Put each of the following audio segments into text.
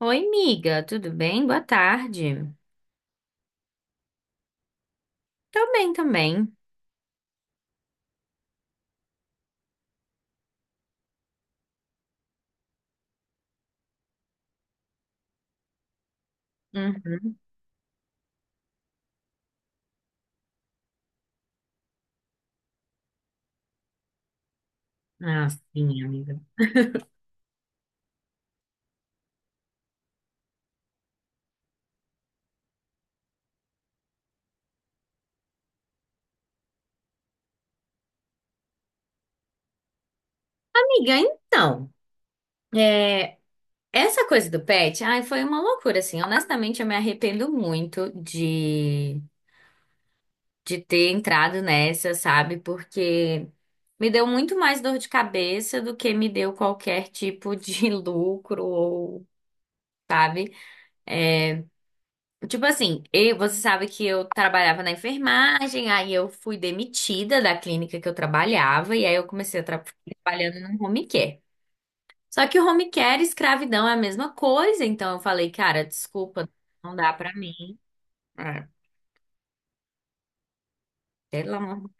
Oi, amiga, tudo bem? Boa tarde. Tô bem também. Uhum. Ah, sim, amiga. Amiga, então, é, essa coisa do pet, ai, foi uma loucura, assim. Honestamente, eu me arrependo muito de ter entrado nessa, sabe? Porque me deu muito mais dor de cabeça do que me deu qualquer tipo de lucro ou, sabe? Tipo assim, você sabe que eu trabalhava na enfermagem, aí eu fui demitida da clínica que eu trabalhava, e aí eu comecei a trabalhando no home care. Só que o home care e escravidão é a mesma coisa, então eu falei, cara, desculpa, não dá pra mim. Ah, pelo amor.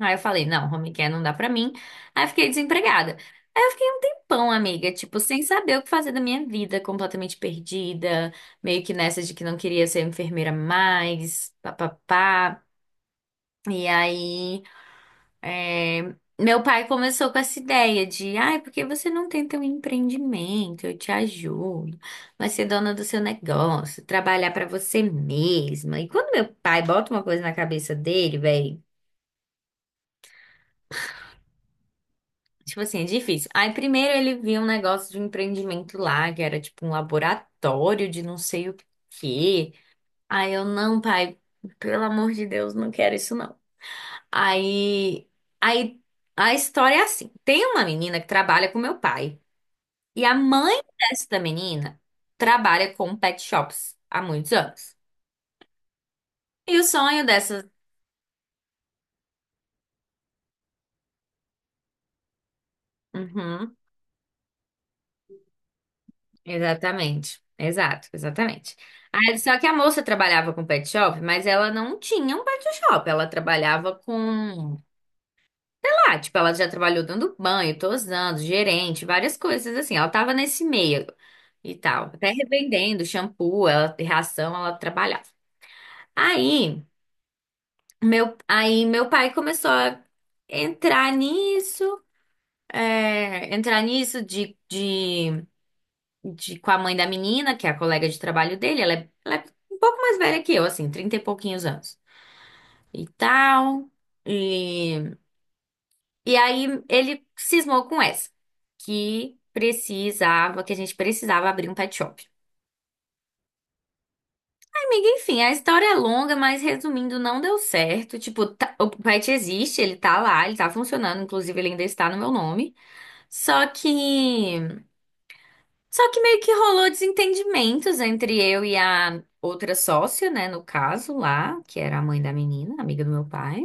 Aí eu falei, não, home care não dá pra mim. Aí eu fiquei desempregada. Aí eu fiquei um tempão, amiga, tipo, sem saber o que fazer da minha vida, completamente perdida, meio que nessa de que não queria ser enfermeira mais, papapá. E aí. É, meu pai começou com essa ideia de, ai, por que você não tenta um empreendimento? Eu te ajudo, vai ser dona do seu negócio, trabalhar pra você mesma. E quando meu pai bota uma coisa na cabeça dele, velho, tipo assim, é difícil. Aí primeiro ele viu um negócio de um empreendimento lá, que era tipo um laboratório de não sei o quê. Aí eu, não, pai, pelo amor de Deus, não quero isso não. Aí, aí a história é assim: tem uma menina que trabalha com meu pai. E a mãe desta menina trabalha com pet shops há muitos anos. E o sonho dessa. Uhum, exatamente. Exato, exatamente. Aí, só que a moça trabalhava com pet shop, mas ela não tinha um pet shop. Ela trabalhava com. Sei lá, tipo, ela já trabalhou dando banho, tosando, gerente, várias coisas assim. Ela tava nesse meio e tal. Até revendendo shampoo, ela, ração, ela trabalhava. Aí. Meu, aí meu pai começou a entrar nisso, entrar nisso de com a mãe da menina, que é a colega de trabalho dele, ela é um pouco mais velha que eu, assim, 30 e pouquinhos anos e tal. E, e aí ele cismou com essa, que precisava, que a gente precisava abrir um pet shop. Amiga, enfim, a história é longa, mas resumindo, não deu certo. Tipo, o pet existe, ele tá lá, ele tá funcionando, inclusive ele ainda está no meu nome. Só que, só que meio que rolou desentendimentos entre eu e a outra sócia, né, no caso lá, que era a mãe da menina, amiga do meu pai.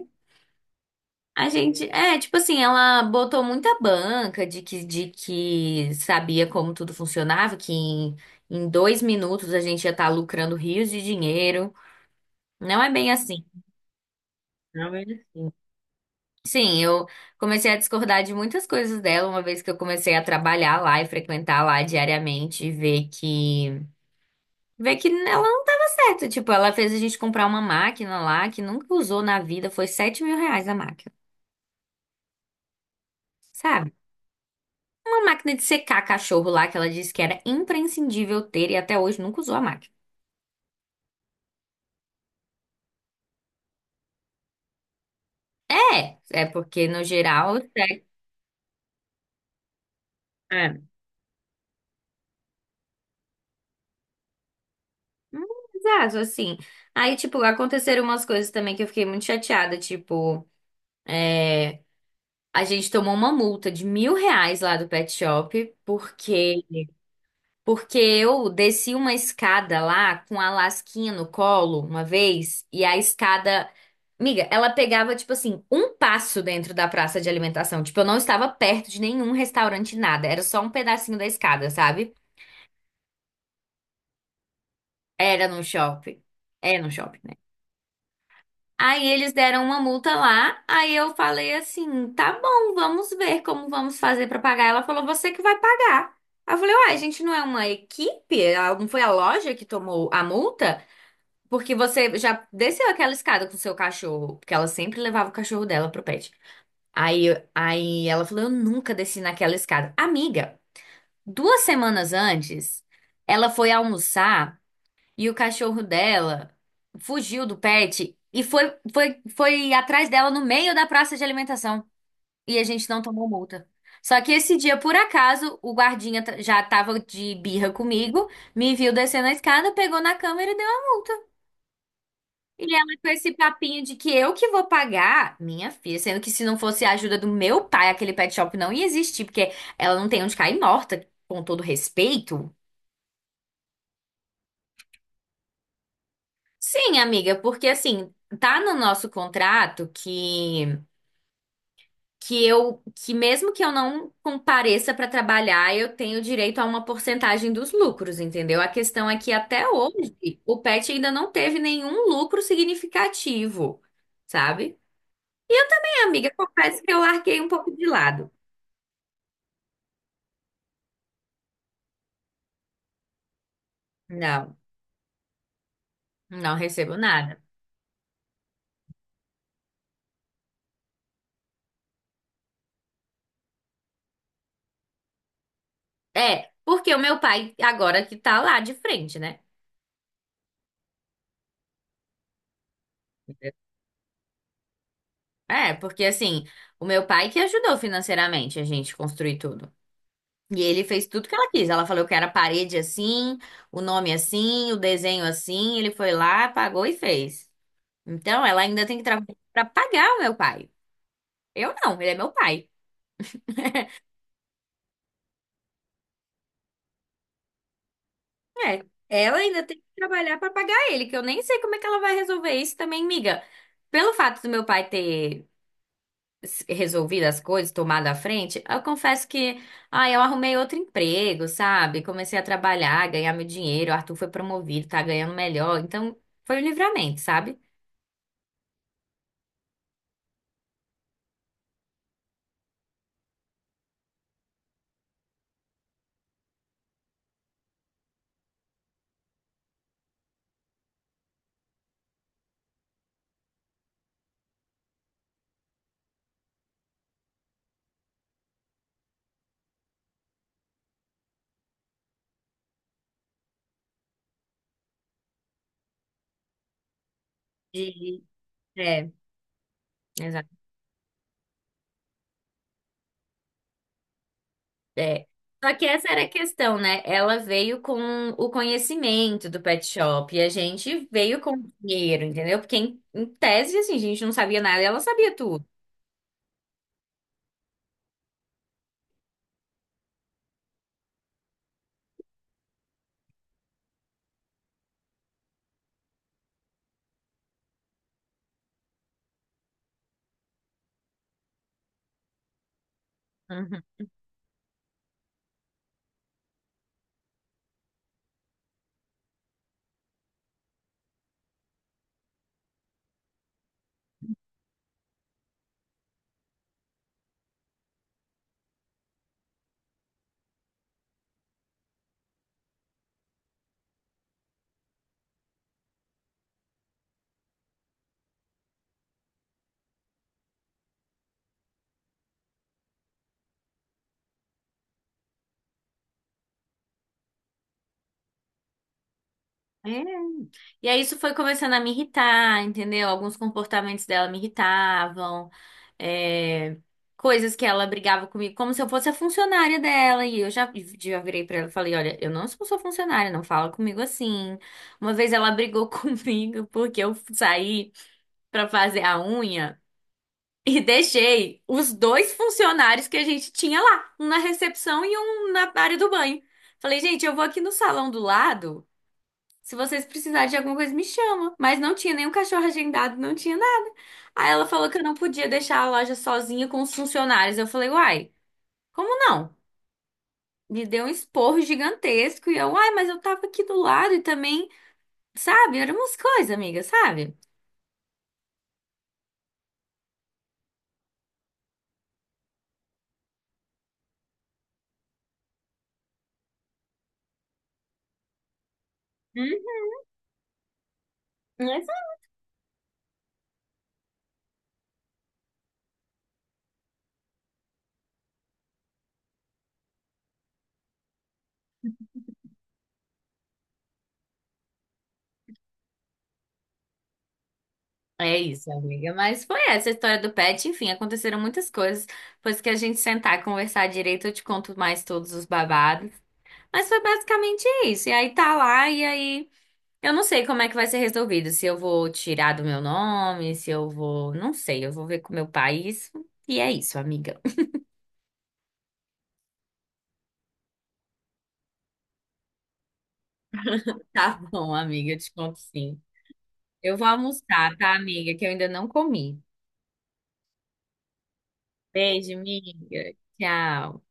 A gente, tipo assim, ela botou muita banca de que sabia como tudo funcionava, que em 2 minutos a gente ia estar lucrando rios de dinheiro. Não é bem assim. Não é bem assim. Sim, eu comecei a discordar de muitas coisas dela, uma vez que eu comecei a trabalhar lá e frequentar lá diariamente e ver que ela não tava certa. Tipo, ela fez a gente comprar uma máquina lá que nunca usou na vida. Foi R$ 7.000 a máquina, sabe? Uma máquina de secar cachorro lá que ela disse que era imprescindível ter e até hoje nunca usou a máquina. É, é porque no geral. É, é. Hum. Exato, assim. Aí, tipo, aconteceram umas coisas também que eu fiquei muito chateada. Tipo, a gente tomou uma multa de R$ 1.000 lá do pet shop porque porque eu desci uma escada lá com a lasquinha no colo uma vez, e a escada. Miga, ela pegava, tipo assim, um passo dentro da praça de alimentação. Tipo, eu não estava perto de nenhum restaurante, nada. Era só um pedacinho da escada, sabe? Era num shopping. É num shopping, né? Aí eles deram uma multa lá. Aí eu falei assim: tá bom, vamos ver como vamos fazer pra pagar. Ela falou: você que vai pagar. Aí eu falei: uai, a gente não é uma equipe? Ah, não foi a loja que tomou a multa? Porque você já desceu aquela escada com o seu cachorro, porque ela sempre levava o cachorro dela pro pet. Aí, ela falou: eu nunca desci naquela escada. Amiga, 2 semanas antes, ela foi almoçar e o cachorro dela fugiu do pet e foi, atrás dela no meio da praça de alimentação. E a gente não tomou multa. Só que esse dia, por acaso, o guardinha já tava de birra comigo, me viu descendo a escada, pegou na câmera e deu a multa. E ela com esse papinho de que eu que vou pagar, minha filha, sendo que se não fosse a ajuda do meu pai, aquele pet shop não ia existir, porque ela não tem onde cair morta, com todo respeito. Sim, amiga, porque assim, tá no nosso contrato que eu que mesmo que eu não compareça pra trabalhar, eu tenho direito a uma porcentagem dos lucros, entendeu? A questão é que até hoje o pet ainda não teve nenhum lucro significativo, sabe? É, amiga, confesso que eu larguei um pouco de lado. Não, não recebo nada. É, porque o meu pai agora que tá lá de frente, né? É, porque assim, o meu pai que ajudou financeiramente a gente construir tudo. E ele fez tudo que ela quis. Ela falou que era a parede assim, o nome assim, o desenho assim. Ele foi lá, pagou e fez. Então, ela ainda tem que trabalhar para pagar o meu pai. Eu não, ele é meu pai. É, ela ainda tem que trabalhar para pagar ele, que eu nem sei como é que ela vai resolver isso também, miga. Pelo fato do meu pai ter resolvido as coisas, tomado a frente, eu confesso que, ah, eu arrumei outro emprego, sabe? Comecei a trabalhar, ganhar meu dinheiro, o Arthur foi promovido, tá ganhando melhor, então foi um livramento, sabe? De- É, exato. É. Só que essa era a questão, né? Ela veio com o conhecimento do pet shop e a gente veio com o dinheiro, entendeu? Porque em tese, assim, a gente não sabia nada e ela sabia tudo. Uhum. É, e aí isso foi começando a me irritar, entendeu? Alguns comportamentos dela me irritavam, é, coisas que ela brigava comigo, como se eu fosse a funcionária dela. E eu já virei pra ela e falei, olha, eu não sou sua funcionária, não fala comigo assim. Uma vez ela brigou comigo porque eu saí pra fazer a unha e deixei os dois funcionários que a gente tinha lá, um na recepção e um na área do banho. Falei, gente, eu vou aqui no salão do lado. Se vocês precisarem de alguma coisa, me chama. Mas não tinha nenhum cachorro agendado, não tinha nada. Aí ela falou que eu não podia deixar a loja sozinha com os funcionários. Eu falei, uai, como não? Me deu um esporro gigantesco e eu, uai, mas eu tava aqui do lado e também, sabe? Eram umas coisas, amiga, sabe? Hum, mas é isso, amiga. Mas foi essa a história do pet. Enfim, aconteceram muitas coisas. Depois que a gente sentar e conversar direito, eu te conto mais todos os babados. Mas foi basicamente isso. E aí tá lá, e aí. Eu não sei como é que vai ser resolvido, se eu vou tirar do meu nome, se eu vou, não sei, eu vou ver com o meu pai isso. E é isso, amiga. Tá bom, amiga, eu te conto sim. Eu vou almoçar, tá, amiga, que eu ainda não comi. Beijo, amiga. Tchau.